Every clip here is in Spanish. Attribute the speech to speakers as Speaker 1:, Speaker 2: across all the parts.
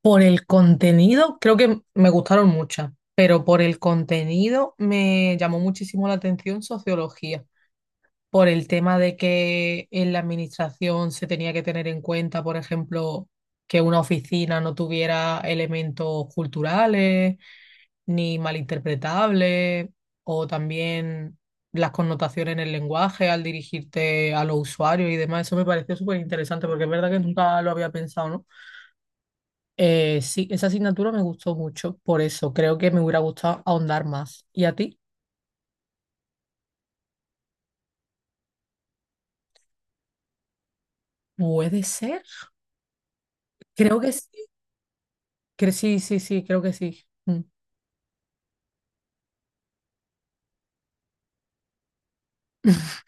Speaker 1: Por el contenido, creo que me gustaron muchas, pero por el contenido me llamó muchísimo la atención sociología, por el tema de que en la administración se tenía que tener en cuenta, por ejemplo, que una oficina no tuviera elementos culturales ni malinterpretables, o también las connotaciones en el lenguaje al dirigirte a los usuarios y demás. Eso me pareció súper interesante porque es verdad que nunca lo había pensado, ¿no? Sí, esa asignatura me gustó mucho, por eso creo que me hubiera gustado ahondar más. ¿Y a ti? ¿Puede ser? Creo que sí. Sí, sí, sí, creo que sí. Mm.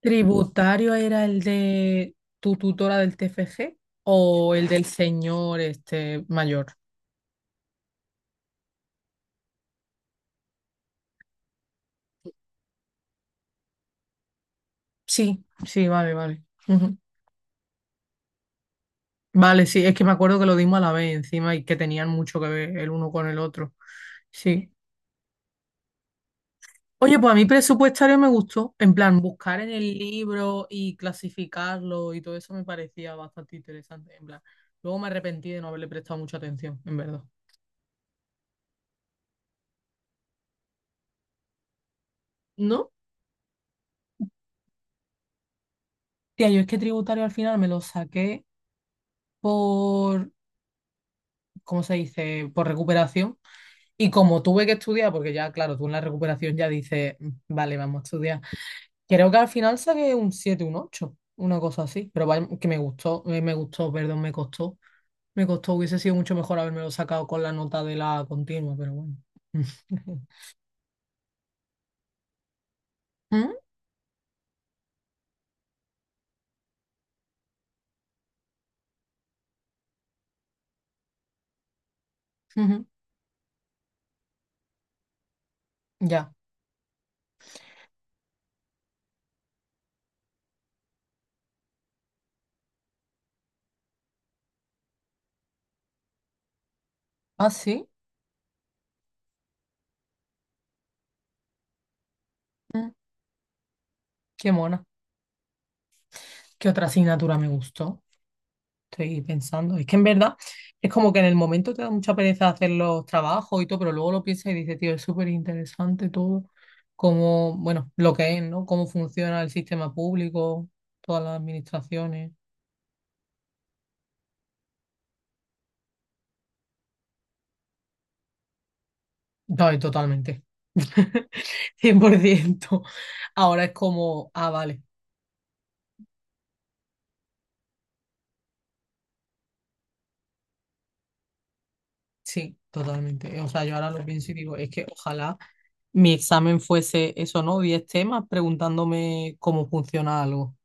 Speaker 1: ¿Tributario era el de tu tutora del TFG o el del señor este mayor? Sí, sí, vale, vale. Ujú. Vale, sí, es que me acuerdo que lo dimos a la vez encima y que tenían mucho que ver el uno con el otro. Sí. Oye, pues a mí presupuestario me gustó, en plan, buscar en el libro y clasificarlo y todo eso me parecía bastante interesante, en plan. Luego me arrepentí de no haberle prestado mucha atención, en verdad. ¿No? Tía, yo es que tributario al final me lo saqué por, ¿cómo se dice? Por recuperación. Y como tuve que estudiar, porque ya, claro, tú en la recuperación ya dices, "Mm, vale, vamos a estudiar. Creo que al final saqué un 7, un 8, una cosa así, pero vaya, que me gustó, perdón, me costó. Me costó, hubiese sido mucho mejor haberme sacado con la nota de la continua, pero bueno. Mm, ujú, ya. Ah, sí. Mm. Qué mona. ¿Qué otra asignatura me gustó? Estoy pensando. Es que en verdad es como que en el momento te da mucha pereza hacer los trabajos y todo, pero luego lo piensas y dices, tío, es súper interesante todo. Cómo, bueno, lo que es, ¿no? Cómo funciona el sistema público, todas las administraciones. No, y totalmente. 100%. Ahora es como, ah, vale. Sí, totalmente. O sea, yo ahora lo pienso y digo, es que ojalá mi examen fuese eso, ¿no? 10 temas preguntándome cómo funciona algo.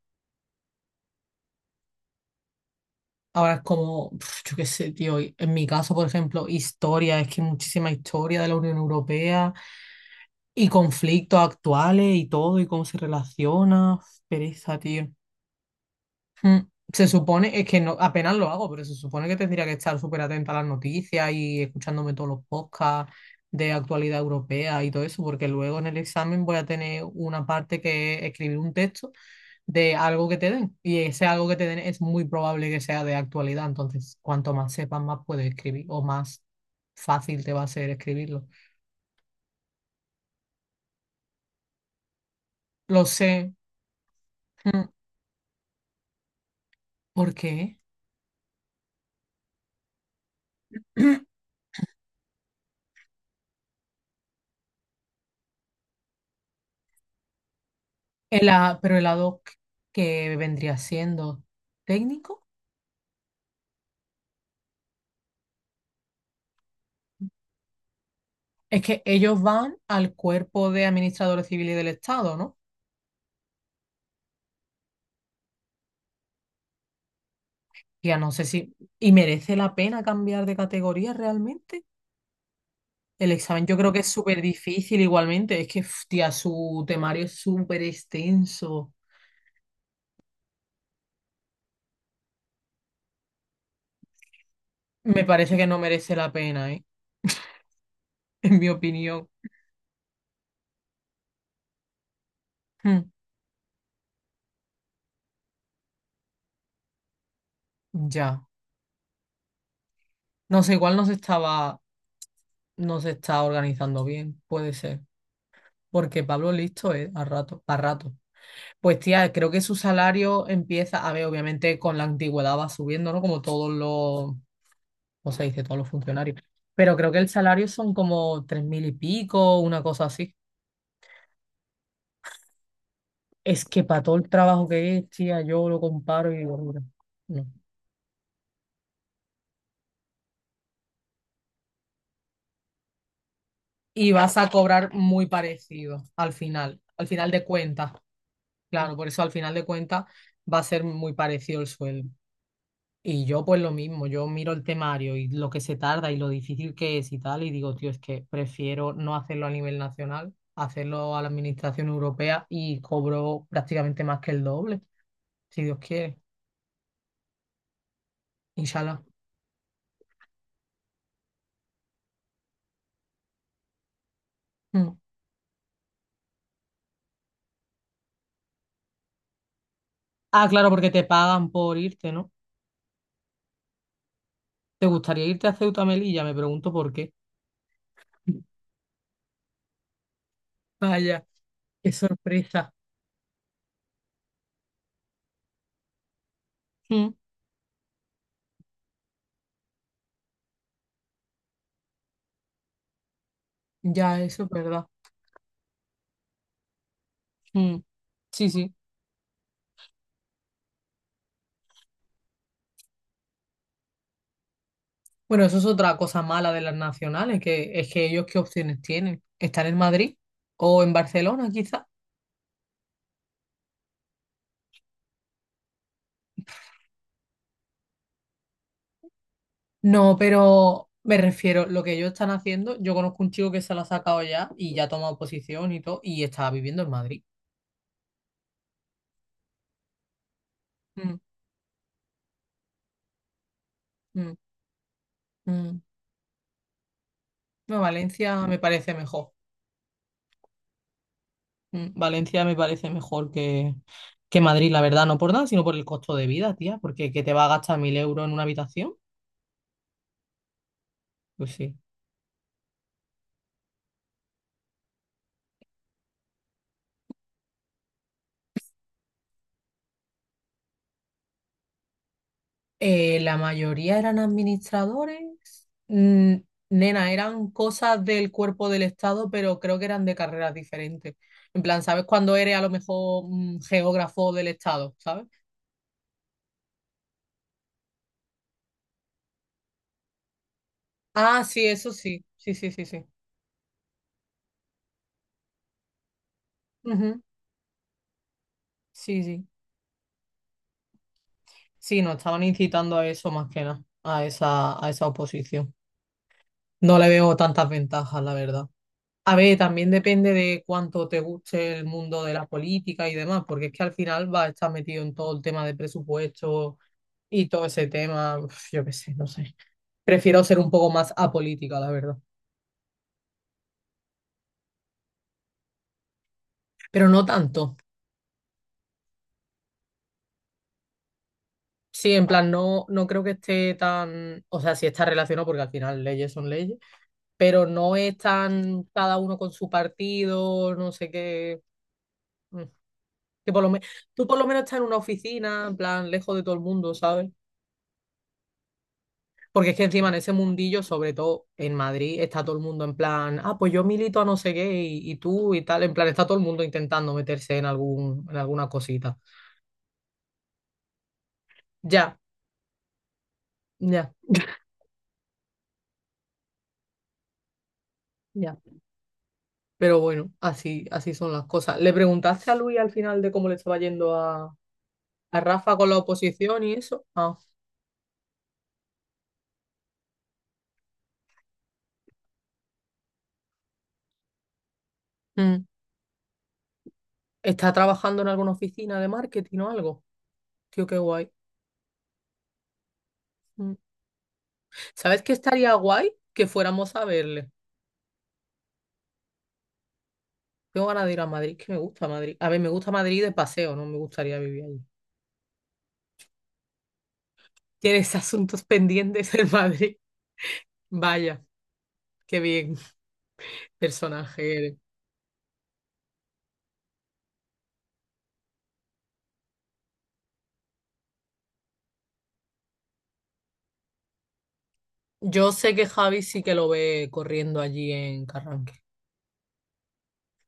Speaker 1: Ahora es como, pf, yo qué sé, tío, y en mi caso, por ejemplo, historia, es que muchísima historia de la Unión Europea y conflictos actuales y todo y cómo se relaciona. Uf, pereza, tío. Mm. Se supone, es que no, apenas lo hago, pero se supone que tendría que estar súper atenta a las noticias y escuchándome todos los podcasts de actualidad europea y todo eso, porque luego en el examen voy a tener una parte que es escribir un texto de algo que te den. Y ese algo que te den es muy probable que sea de actualidad. Entonces, cuanto más sepas, más puedes escribir o más fácil te va a ser escribirlo. Lo sé. Mm. ¿Por qué? Pero el ad hoc que vendría siendo técnico. Es que ellos van al cuerpo de administradores civiles del Estado, ¿no? Ya no sé si... ¿Y merece la pena cambiar de categoría realmente? El examen yo creo que es súper difícil igualmente. Es que, hostia, su temario es súper extenso. Me parece que no merece la pena, ¿eh? En mi opinión. Hmm. Ya. No sé, igual no se estaba... No se está organizando bien, puede ser. Porque Pablo listo es a rato, a rato. Pues tía, creo que su salario empieza, a ver, obviamente con la antigüedad va subiendo, ¿no? Como todos los, ¿cómo se dice? Todos los funcionarios. Pero creo que el salario son como 3.000 y pico, una cosa así. Es que para todo el trabajo que es, tía, yo lo comparo y digo, mira, no. Y vas a cobrar muy parecido al final de cuentas. Claro, por eso al final de cuentas va a ser muy parecido el sueldo. Y yo pues lo mismo, yo miro el temario y lo que se tarda y lo difícil que es y tal, y digo, tío, es que prefiero no hacerlo a nivel nacional, hacerlo a la administración europea y cobro prácticamente más que el doble, si Dios quiere, inshallah. Mm. Ah, claro, porque te pagan por irte, ¿no? ¿Te gustaría irte a Ceuta Melilla? Me pregunto por qué. Vaya, qué sorpresa. Mm. Ya, eso es verdad. Mm. Sí, sí. Bueno, eso es otra cosa mala de las nacionales, que es que ellos qué opciones tienen. ¿Están en Madrid o en Barcelona, quizá? No, pero me refiero, lo que ellos están haciendo, yo conozco un chico que se lo ha sacado ya y ya ha tomado posición y todo, y está viviendo en Madrid. Mm, mm, mm. No, Valencia me parece mejor. Mm, Valencia me parece mejor que Madrid, la verdad, no por nada, sino por el costo de vida, tía, porque que te va a gastar 1.000 euros en una habitación, pues sí. La mayoría eran administradores. Mm, nena, eran cosas del cuerpo del Estado, pero creo que eran de carreras diferentes. En plan, ¿sabes cuando eres a lo mejor geógrafo del Estado? ¿Sabes? Ah, sí, eso sí. Sí, sí, sí, sí. Ujú. Sí, sí. Sí, nos estaban incitando a eso más que nada, a esa oposición. No le veo tantas ventajas, la verdad. A ver, también depende de cuánto te guste el mundo de la política y demás, porque es que al final vas a estar metido en todo el tema de presupuesto y todo ese tema, uf, yo qué sé, no sé. Prefiero ser un poco más apolítica, la verdad. Pero no tanto. Sí, en plan, no, no creo que esté tan, o sea, sí está relacionado porque al final leyes son leyes, pero no es tan cada uno con su partido, no sé qué. Mm. Que por lo menos, tú por lo menos estás en una oficina, en plan, lejos de todo el mundo, ¿sabes? Porque es que encima en ese mundillo, sobre todo en Madrid, está todo el mundo en plan, ah, pues yo milito a no sé qué y tú y tal, en plan, está todo el mundo intentando meterse en algún, en alguna cosita. Ya, ya, ya. Pero bueno, así, así son las cosas. ¿Le preguntaste a Luis al final de cómo le estaba yendo a, Rafa con la oposición y eso? Ah, mm. ¿Está trabajando en alguna oficina de marketing o algo? Tío, qué guay. Mm. ¿Sabes qué estaría guay? Que fuéramos a verle. Tengo ganas de ir a Madrid, que me gusta Madrid. A ver, me gusta Madrid de paseo, no me gustaría vivir allí. Tienes asuntos pendientes en Madrid. Vaya, qué bien personaje eres. Yo sé que Javi sí que lo ve corriendo allí en Carranque.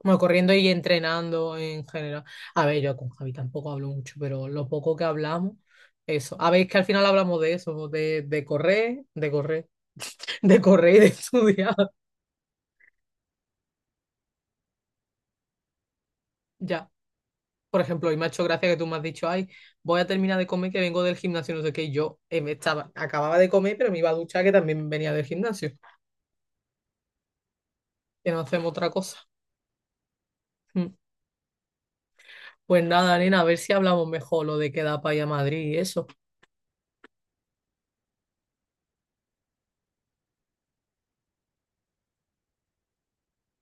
Speaker 1: Bueno, corriendo y entrenando en general. A ver, yo con Javi tampoco hablo mucho, pero lo poco que hablamos, eso. A ver, es que al final hablamos de eso, de correr, de correr, de correr y de estudiar. Ya. Por ejemplo, y me ha hecho gracia que tú me has dicho, ay, voy a terminar de comer que vengo del gimnasio, no sé qué, y yo acababa de comer, pero me iba a duchar que también venía del gimnasio, que no hacemos otra cosa. Mm. Pues nada, nena, a ver si hablamos mejor lo de quedar para ir a Madrid y eso.